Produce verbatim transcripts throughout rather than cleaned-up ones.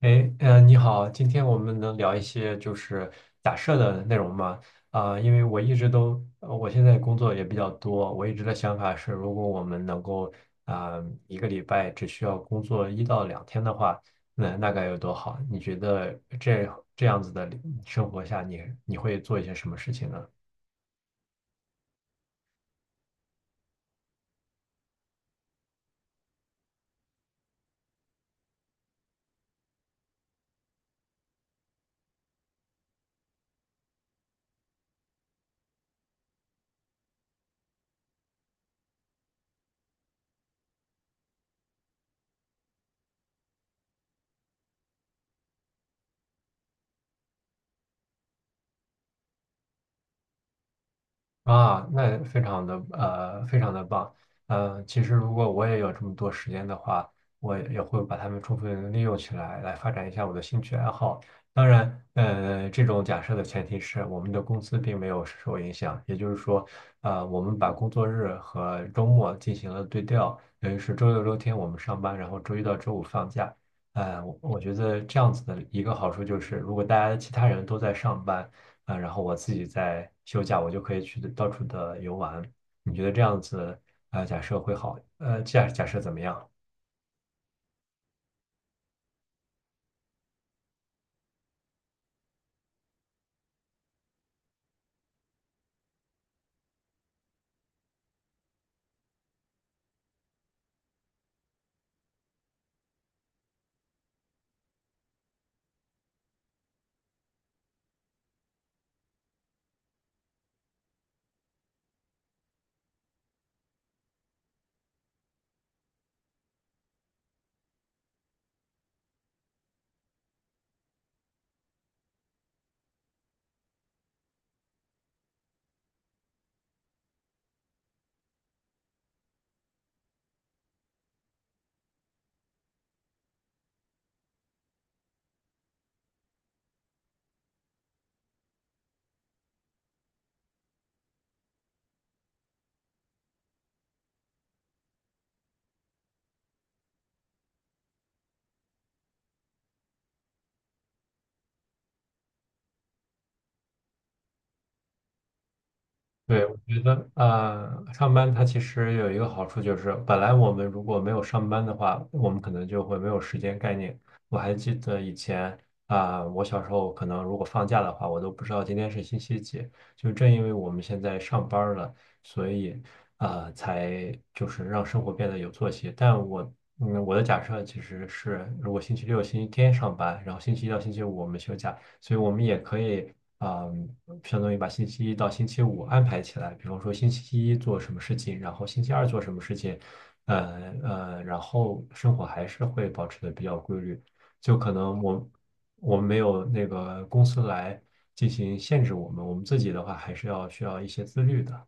哎，嗯，你好，今天我们能聊一些就是假设的内容吗？啊、因为我一直都，呃我现在工作也比较多，我一直的想法是，如果我们能够啊、一个礼拜只需要工作一到两天的话，那那该有多好？你觉得这这样子的生活下你，你会做一些什么事情呢？啊，那非常的呃，非常的棒。呃，其实如果我也有这么多时间的话，我也也会把它们充分利用起来，来发展一下我的兴趣爱好。当然，呃，这种假设的前提是我们的工资并没有受影响，也就是说，呃，我们把工作日和周末进行了对调，等于是周六周天我们上班，然后周一到周五放假。呃，我我觉得这样子的一个好处就是，如果大家其他人都在上班。啊、然后我自己在休假，我就可以去到处的游玩。你觉得这样子，呃，假设会好，呃，假假设怎么样？对，我觉得呃，上班它其实有一个好处就是，本来我们如果没有上班的话，我们可能就会没有时间概念。我还记得以前啊、我小时候可能如果放假的话，我都不知道今天是星期几。就正因为我们现在上班儿了，所以啊，才就是让生活变得有作息。但我嗯，我的假设其实是，如果星期六、星期天上班，然后星期一到星期五我们休假，所以我们也可以，嗯，相当于把星期一到星期五安排起来，比方说星期一做什么事情，然后星期二做什么事情，呃呃，然后生活还是会保持的比较规律，就可能我我们没有那个公司来进行限制我们，我们自己的话还是要需要一些自律的。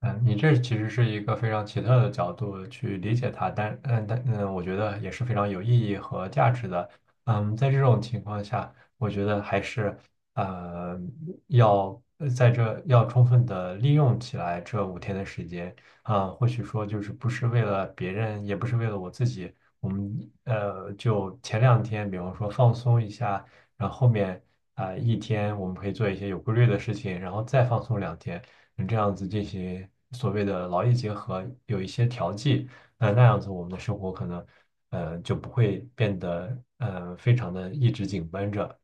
嗯，你这其实是一个非常奇特的角度去理解它，但嗯，但嗯，我觉得也是非常有意义和价值的。嗯，在这种情况下，我觉得还是呃要呃在这要充分的利用起来这五天的时间啊，或许说就是不是为了别人，也不是为了我自己，我们呃就前两天，比方说放松一下，然后后面啊，一天我们可以做一些有规律的事情，然后再放松两天。这样子进行所谓的劳逸结合，有一些调剂，那那样子我们的生活可能，呃，就不会变得呃非常的一直紧绷着。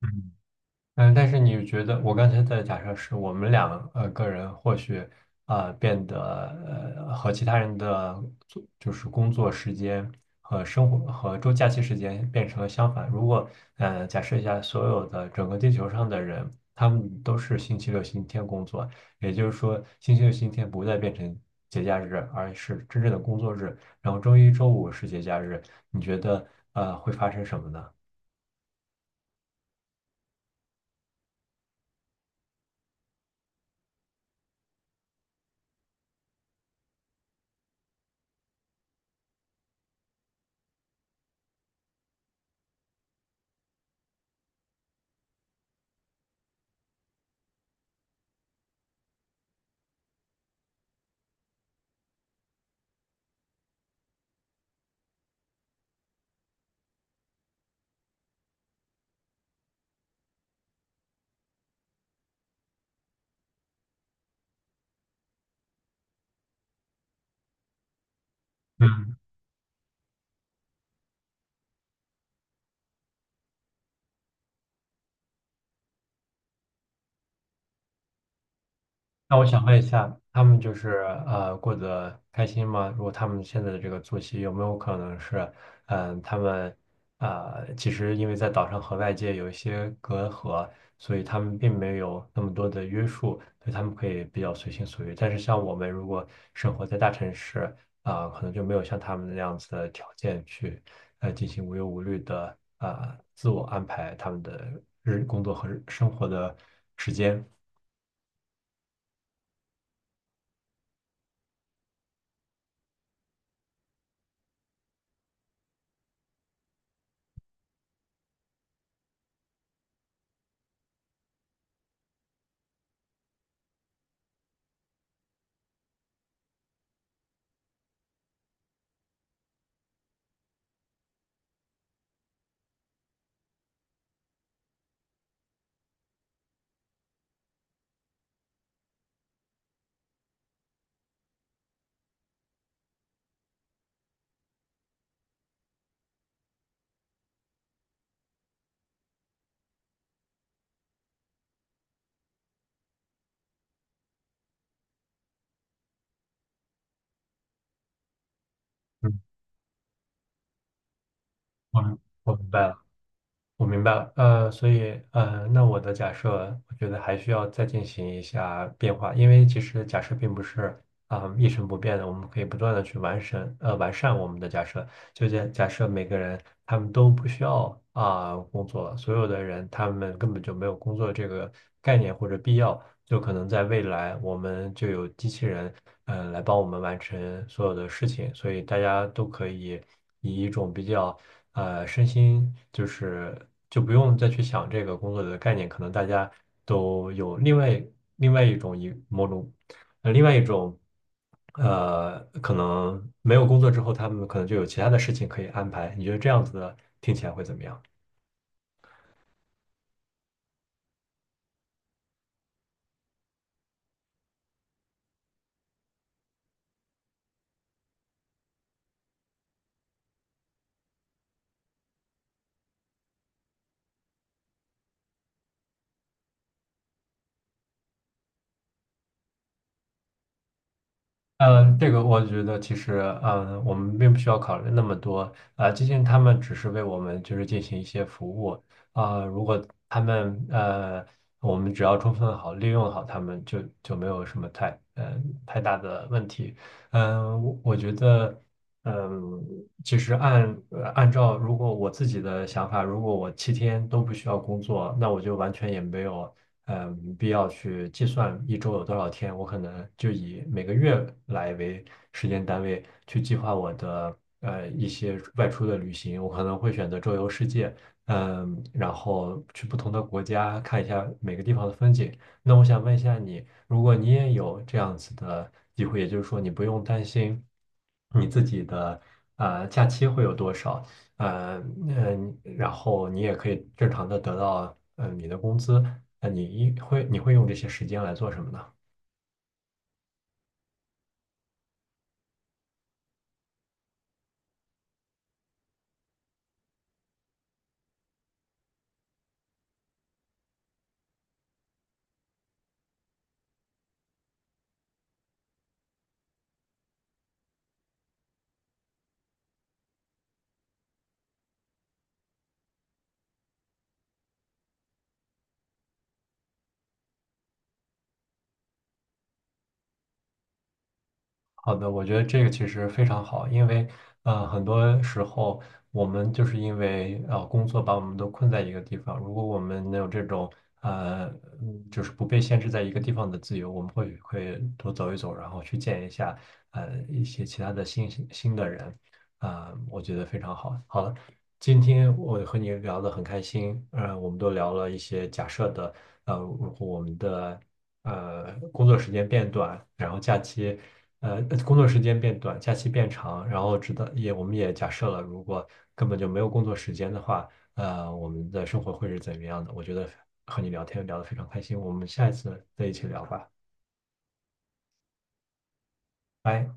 嗯。嗯，但是你觉得我刚才的假设是我们两呃个人或许啊变得呃和其他人的做就是工作时间和生活和周假期时间变成了相反。如果呃假设一下，所有的整个地球上的人，他们都是星期六、星期天工作，也就是说星期六、星期天不再变成节假日，而是真正的工作日，然后周一、周五是节假日，你觉得呃会发生什么呢？嗯。那我想问一下，他们就是呃过得开心吗？如果他们现在的这个作息有没有可能是，嗯、他们啊，其实因为在岛上和外界有一些隔阂，所以他们并没有那么多的约束，所以他们可以比较随心所欲。但是像我们如果生活在大城市，啊、可能就没有像他们那样子的条件去呃进行无忧无虑的啊自我安排他们的日工作和日生活的时间。嗯，我我明白了。我明白了，呃，所以，呃，那我的假设，我觉得还需要再进行一下变化，因为其实假设并不是啊、一成不变的，我们可以不断的去完善，呃，完善我们的假设。就假假设每个人他们都不需要啊、工作，所有的人他们根本就没有工作这个概念或者必要，就可能在未来我们就有机器人嗯、呃来帮我们完成所有的事情，所以大家都可以以一种比较呃身心就是就不用再去想这个工作的概念，可能大家都有另外另外一种一某种呃，另外一种，呃，可能没有工作之后，他们可能就有其他的事情可以安排。你觉得这样子的听起来会怎么样？嗯，这个我觉得其实，嗯，我们并不需要考虑那么多，啊，毕竟他们只是为我们就是进行一些服务，啊，如果他们呃，我们只要充分好利用好他们就，就没有什么太呃太大的问题。嗯，我我觉得。嗯，其实按呃按照如果我自己的想法，如果我七天都不需要工作，那我就完全也没有嗯必要去计算一周有多少天，我可能就以每个月来为时间单位去计划我的呃一些外出的旅行，我可能会选择周游世界，嗯，然后去不同的国家看一下每个地方的风景。那我想问一下你，如果你也有这样子的机会，也就是说你不用担心你自己的呃假期会有多少，呃那然后你也可以正常的得到呃你的工资，那你一会你会用这些时间来做什么呢？好的，我觉得这个其实非常好，因为呃，很多时候我们就是因为呃工作把我们都困在一个地方。如果我们能有这种呃，嗯就是不被限制在一个地方的自由，我们会会多走一走，然后去见一下呃一些其他的新新的人，啊、我觉得非常好。好了，今天我和你聊得很开心，呃，我们都聊了一些假设的，呃，如果我们的。呃，工作时间变短，然后假期呃，工作时间变短，假期变长，然后直到也我们也假设了，如果根本就没有工作时间的话，呃，我们的生活会是怎么样的？我觉得和你聊天聊得非常开心，我们下一次再一起聊吧，拜。